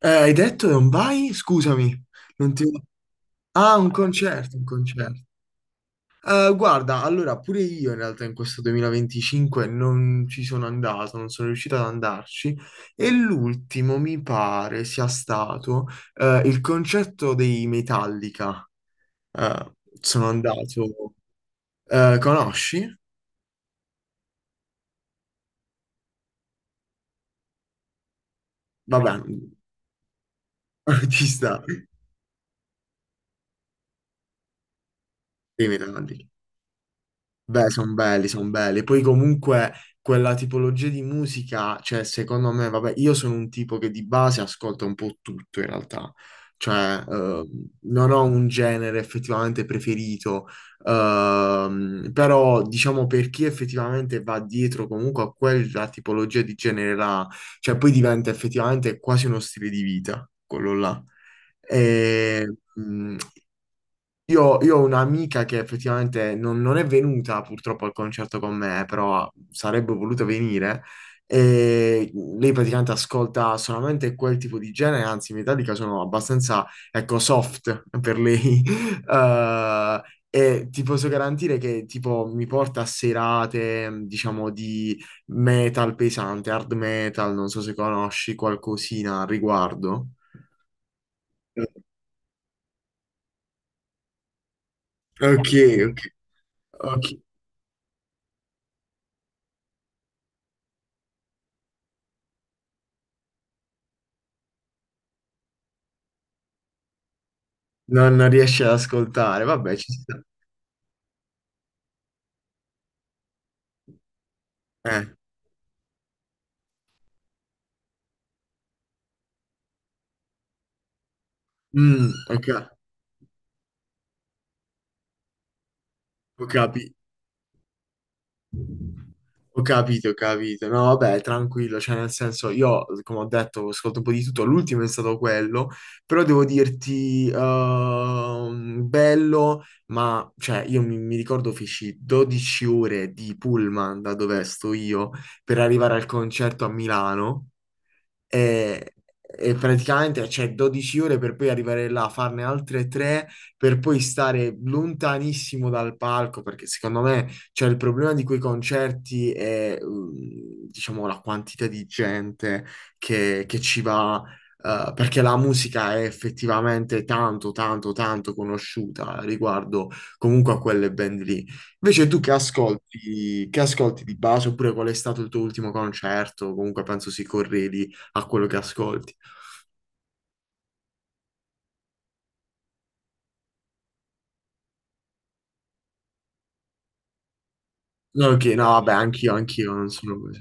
Hai detto che non vai? Scusami, non ti... Ah, un concerto, un concerto. Guarda, allora, pure io in realtà in questo 2025 non ci sono andato, non sono riuscito ad andarci e l'ultimo mi pare sia stato il concerto dei Metallica. Eh, sono andato... conosci? Vabbè, ci sta, dei Metallica. Beh, sono belli, sono belli. Poi comunque quella tipologia di musica, cioè secondo me, vabbè, io sono un tipo che di base ascolta un po' tutto in realtà. Cioè, non ho un genere effettivamente preferito. Però diciamo per chi effettivamente va dietro comunque a quella tipologia di genere là, cioè poi diventa effettivamente quasi uno stile di vita, quello là. E, mh, io ho un'amica che effettivamente non è venuta purtroppo al concerto con me, però sarebbe voluta venire. E lei praticamente ascolta solamente quel tipo di genere, anzi, i Metallica sono abbastanza, ecco, soft per lei. Eh, e ti posso garantire che tipo mi porta a serate, diciamo, di metal pesante, hard metal, non so se conosci qualcosina al riguardo. Ok, ok. Ok, non riesci ad ascoltare, vabbè, ci sta. Eh. Mm, ho, ca- ho capi- ho capito, ho capito. No, vabbè, tranquillo, cioè nel senso, io, come ho detto, ascolto un po' di tutto, l'ultimo è stato quello, però devo dirti, bello, ma, cioè, mi ricordo feci 12 ore di pullman da dove sto io per arrivare al concerto a Milano. E, e praticamente c'è 12 ore per poi arrivare là, farne altre tre per poi stare lontanissimo dal palco, perché secondo me c'è il problema di quei concerti è, mm, diciamo, la quantità di gente che ci va. Perché la musica è effettivamente tanto, tanto, tanto conosciuta riguardo comunque a quelle band lì. Invece tu che ascolti di base, oppure qual è stato il tuo ultimo concerto? Comunque penso si corredi a quello che ascolti. No, ok, no, vabbè, anch'io non sono così.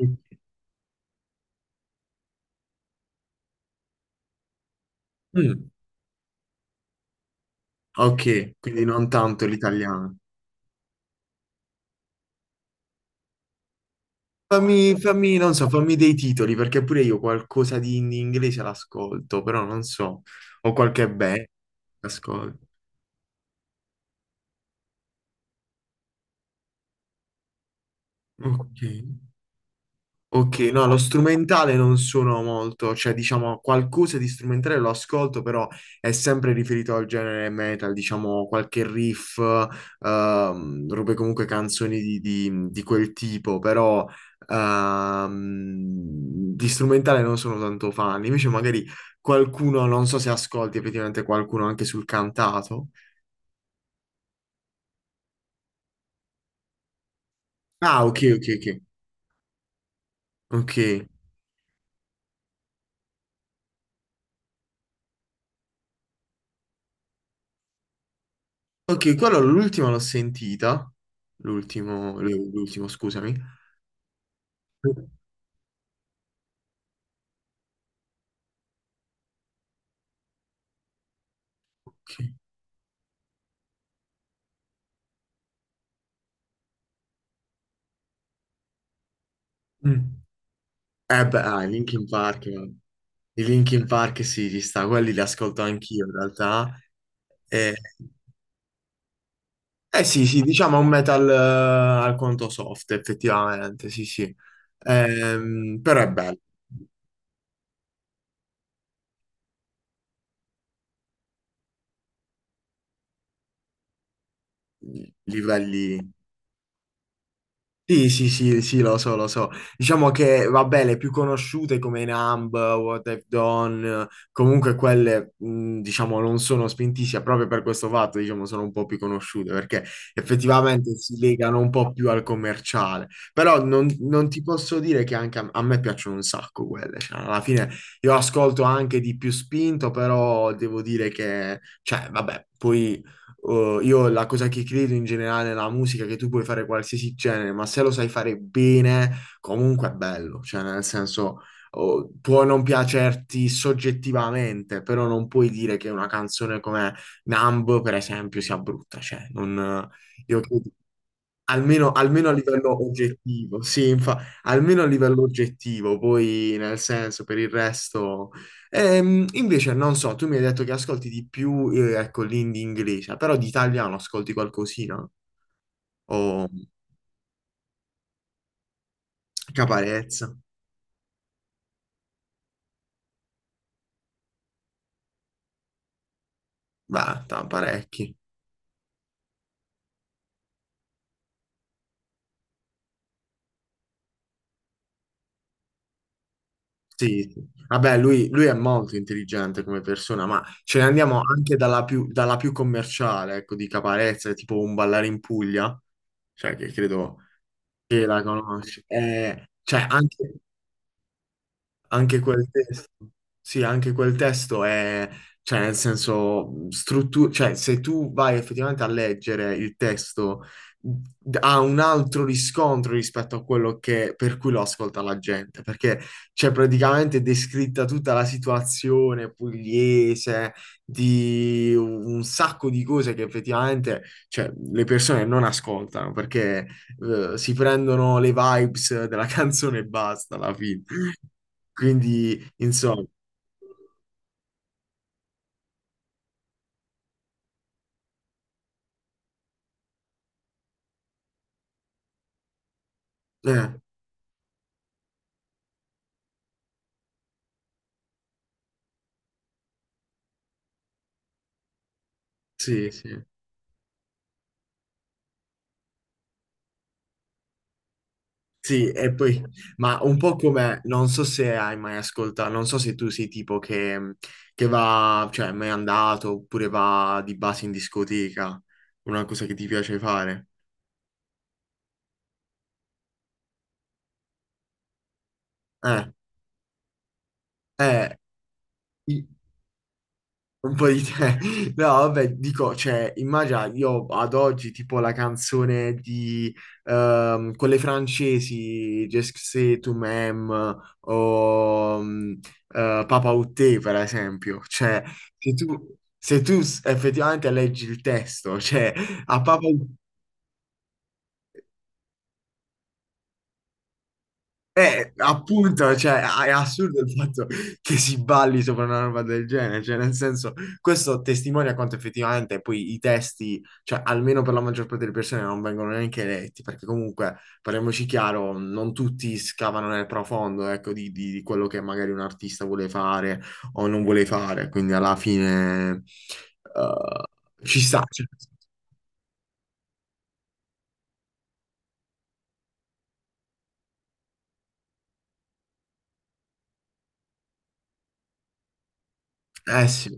Mm, mm, ok, quindi non tanto l'italiano. Fammi, non so, fammi dei titoli, perché pure io qualcosa di in inglese l'ascolto, però non so, ho qualche band che ascolto. Ok. Ok, no, lo strumentale non sono molto, cioè diciamo qualcosa di strumentale lo ascolto, però è sempre riferito al genere metal, diciamo qualche riff, robe comunque canzoni di quel tipo, però ehm, di strumentale non sono tanto fan, invece magari qualcuno, non so se ascolti effettivamente qualcuno anche sul cantato. Ah, ok, ok, quello l'ultima l'ho sentita, l'ultimo, scusami. Ok. Mm. Eh beh, ah, i Linkin Park, eh. I Linkin Park sì, ci sta, quelli li ascolto anch'io in realtà. Eh, eh sì, sì, diciamo un metal al conto soft, effettivamente, sì, sì. Però è bello, livelli sì, sì, sì, sì, lo so, lo so. Diciamo che, vabbè, le più conosciute come Numb, What I've Done, comunque quelle, diciamo, non sono spintissime proprio per questo fatto, diciamo, sono un po' più conosciute perché effettivamente si legano un po' più al commerciale. Però non ti posso dire che anche a me piacciono un sacco quelle, cioè, alla fine io ascolto anche di più spinto, però devo dire che, cioè, vabbè, poi... io la cosa che credo in generale nella musica è che tu puoi fare qualsiasi genere, ma se lo sai fare bene, comunque è bello. Cioè, nel senso, oh, può non piacerti soggettivamente, però non puoi dire che una canzone come Numb, per esempio, sia brutta. Cioè, non, io credo- Almeno, almeno a livello oggettivo, sì, almeno a livello oggettivo, poi nel senso per il resto. Invece, non so, tu mi hai detto che ascolti di più, ecco, l'indie inglese, però di italiano ascolti qualcosina? O Caparezza? Beh, parecchi. Sì, sì. Vabbè, lui è molto intelligente come persona, ma ce ne andiamo anche dalla più commerciale, ecco, di Caparezza, tipo un ballare in Puglia, cioè che credo sì, la conosci. Cioè, anche, anche quel testo, sì, anche quel testo è, cioè, nel senso, struttura, cioè, se tu vai effettivamente a leggere il testo, ha un altro riscontro rispetto a quello che, per cui lo ascolta la gente, perché c'è praticamente descritta tutta la situazione pugliese, di un sacco di cose che effettivamente, cioè, le persone non ascoltano, perché, si prendono le vibes della canzone e basta alla fine. Quindi, insomma, eh, sì, sì, sì, e poi, ma un po' come, non so se hai mai ascoltato, non so se tu sei tipo che va, cioè, è mai andato oppure va di base in discoteca, una cosa che ti piace fare. Eh, eh, i- Un po' di te. No, vabbè, dico, cioè, immagina, io ad oggi, tipo la canzone di quelle francesi, Je sais tu m'aimes, o mm, Papa Outé, per esempio. Cioè, se tu effettivamente leggi il testo, cioè, a Papa eh, appunto, cioè, è assurdo il fatto che si balli sopra una roba del genere, cioè, nel senso, questo testimonia quanto effettivamente poi i testi, cioè, almeno per la maggior parte delle persone non vengono neanche letti, perché comunque, parliamoci chiaro, non tutti scavano nel profondo, ecco, di quello che magari un artista vuole fare o non vuole fare, quindi alla fine, ci sta, cioè. Eh sì,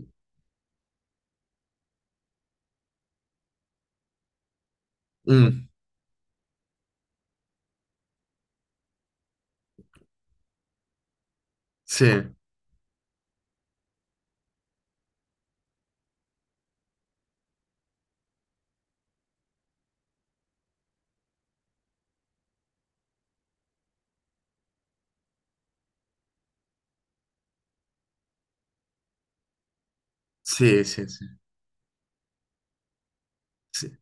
mm, sì, sì, sì, sì, sì.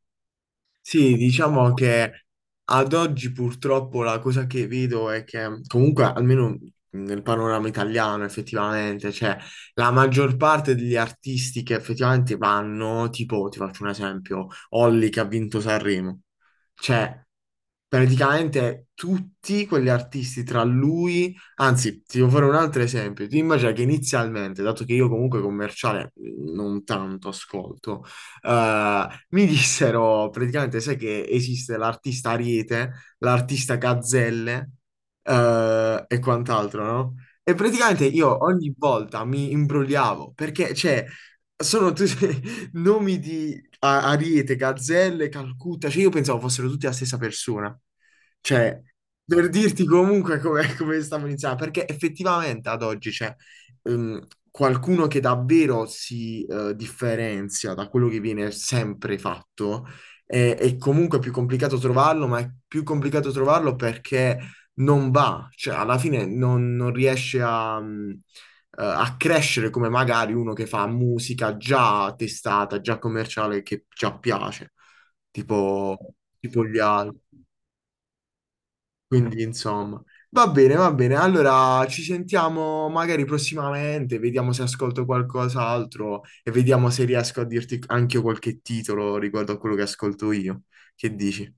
Sì, diciamo che ad oggi purtroppo la cosa che vedo è che comunque almeno nel panorama italiano effettivamente, cioè la maggior parte degli artisti che effettivamente vanno, tipo ti faccio un esempio, Olly che ha vinto Sanremo, cioè praticamente tutti quegli artisti tra lui, anzi ti devo fare un altro esempio, ti immagina che inizialmente, dato che io comunque commerciale non tanto ascolto, eh, mi dissero praticamente, sai che esiste l'artista Ariete, l'artista Gazzelle e quant'altro, no? E praticamente io ogni volta mi imbrogliavo perché, cioè, sono tutti nomi Ariete, Gazzelle, Calcutta, cioè io pensavo fossero tutti la stessa persona. Cioè, per dirti comunque come, come stavo iniziando, perché effettivamente ad oggi, cioè, ehm, qualcuno che davvero si differenzia da quello che viene sempre fatto, è comunque più complicato trovarlo, ma è più complicato trovarlo perché non va, cioè alla fine non riesce a, a crescere come magari uno che fa musica già testata, già commerciale, che già piace, tipo gli altri. Quindi, insomma, va bene, va bene. Allora ci sentiamo magari prossimamente, vediamo se ascolto qualcos'altro e vediamo se riesco a dirti anche io qualche titolo riguardo a quello che ascolto io. Che dici?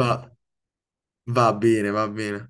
Va, va bene, va bene.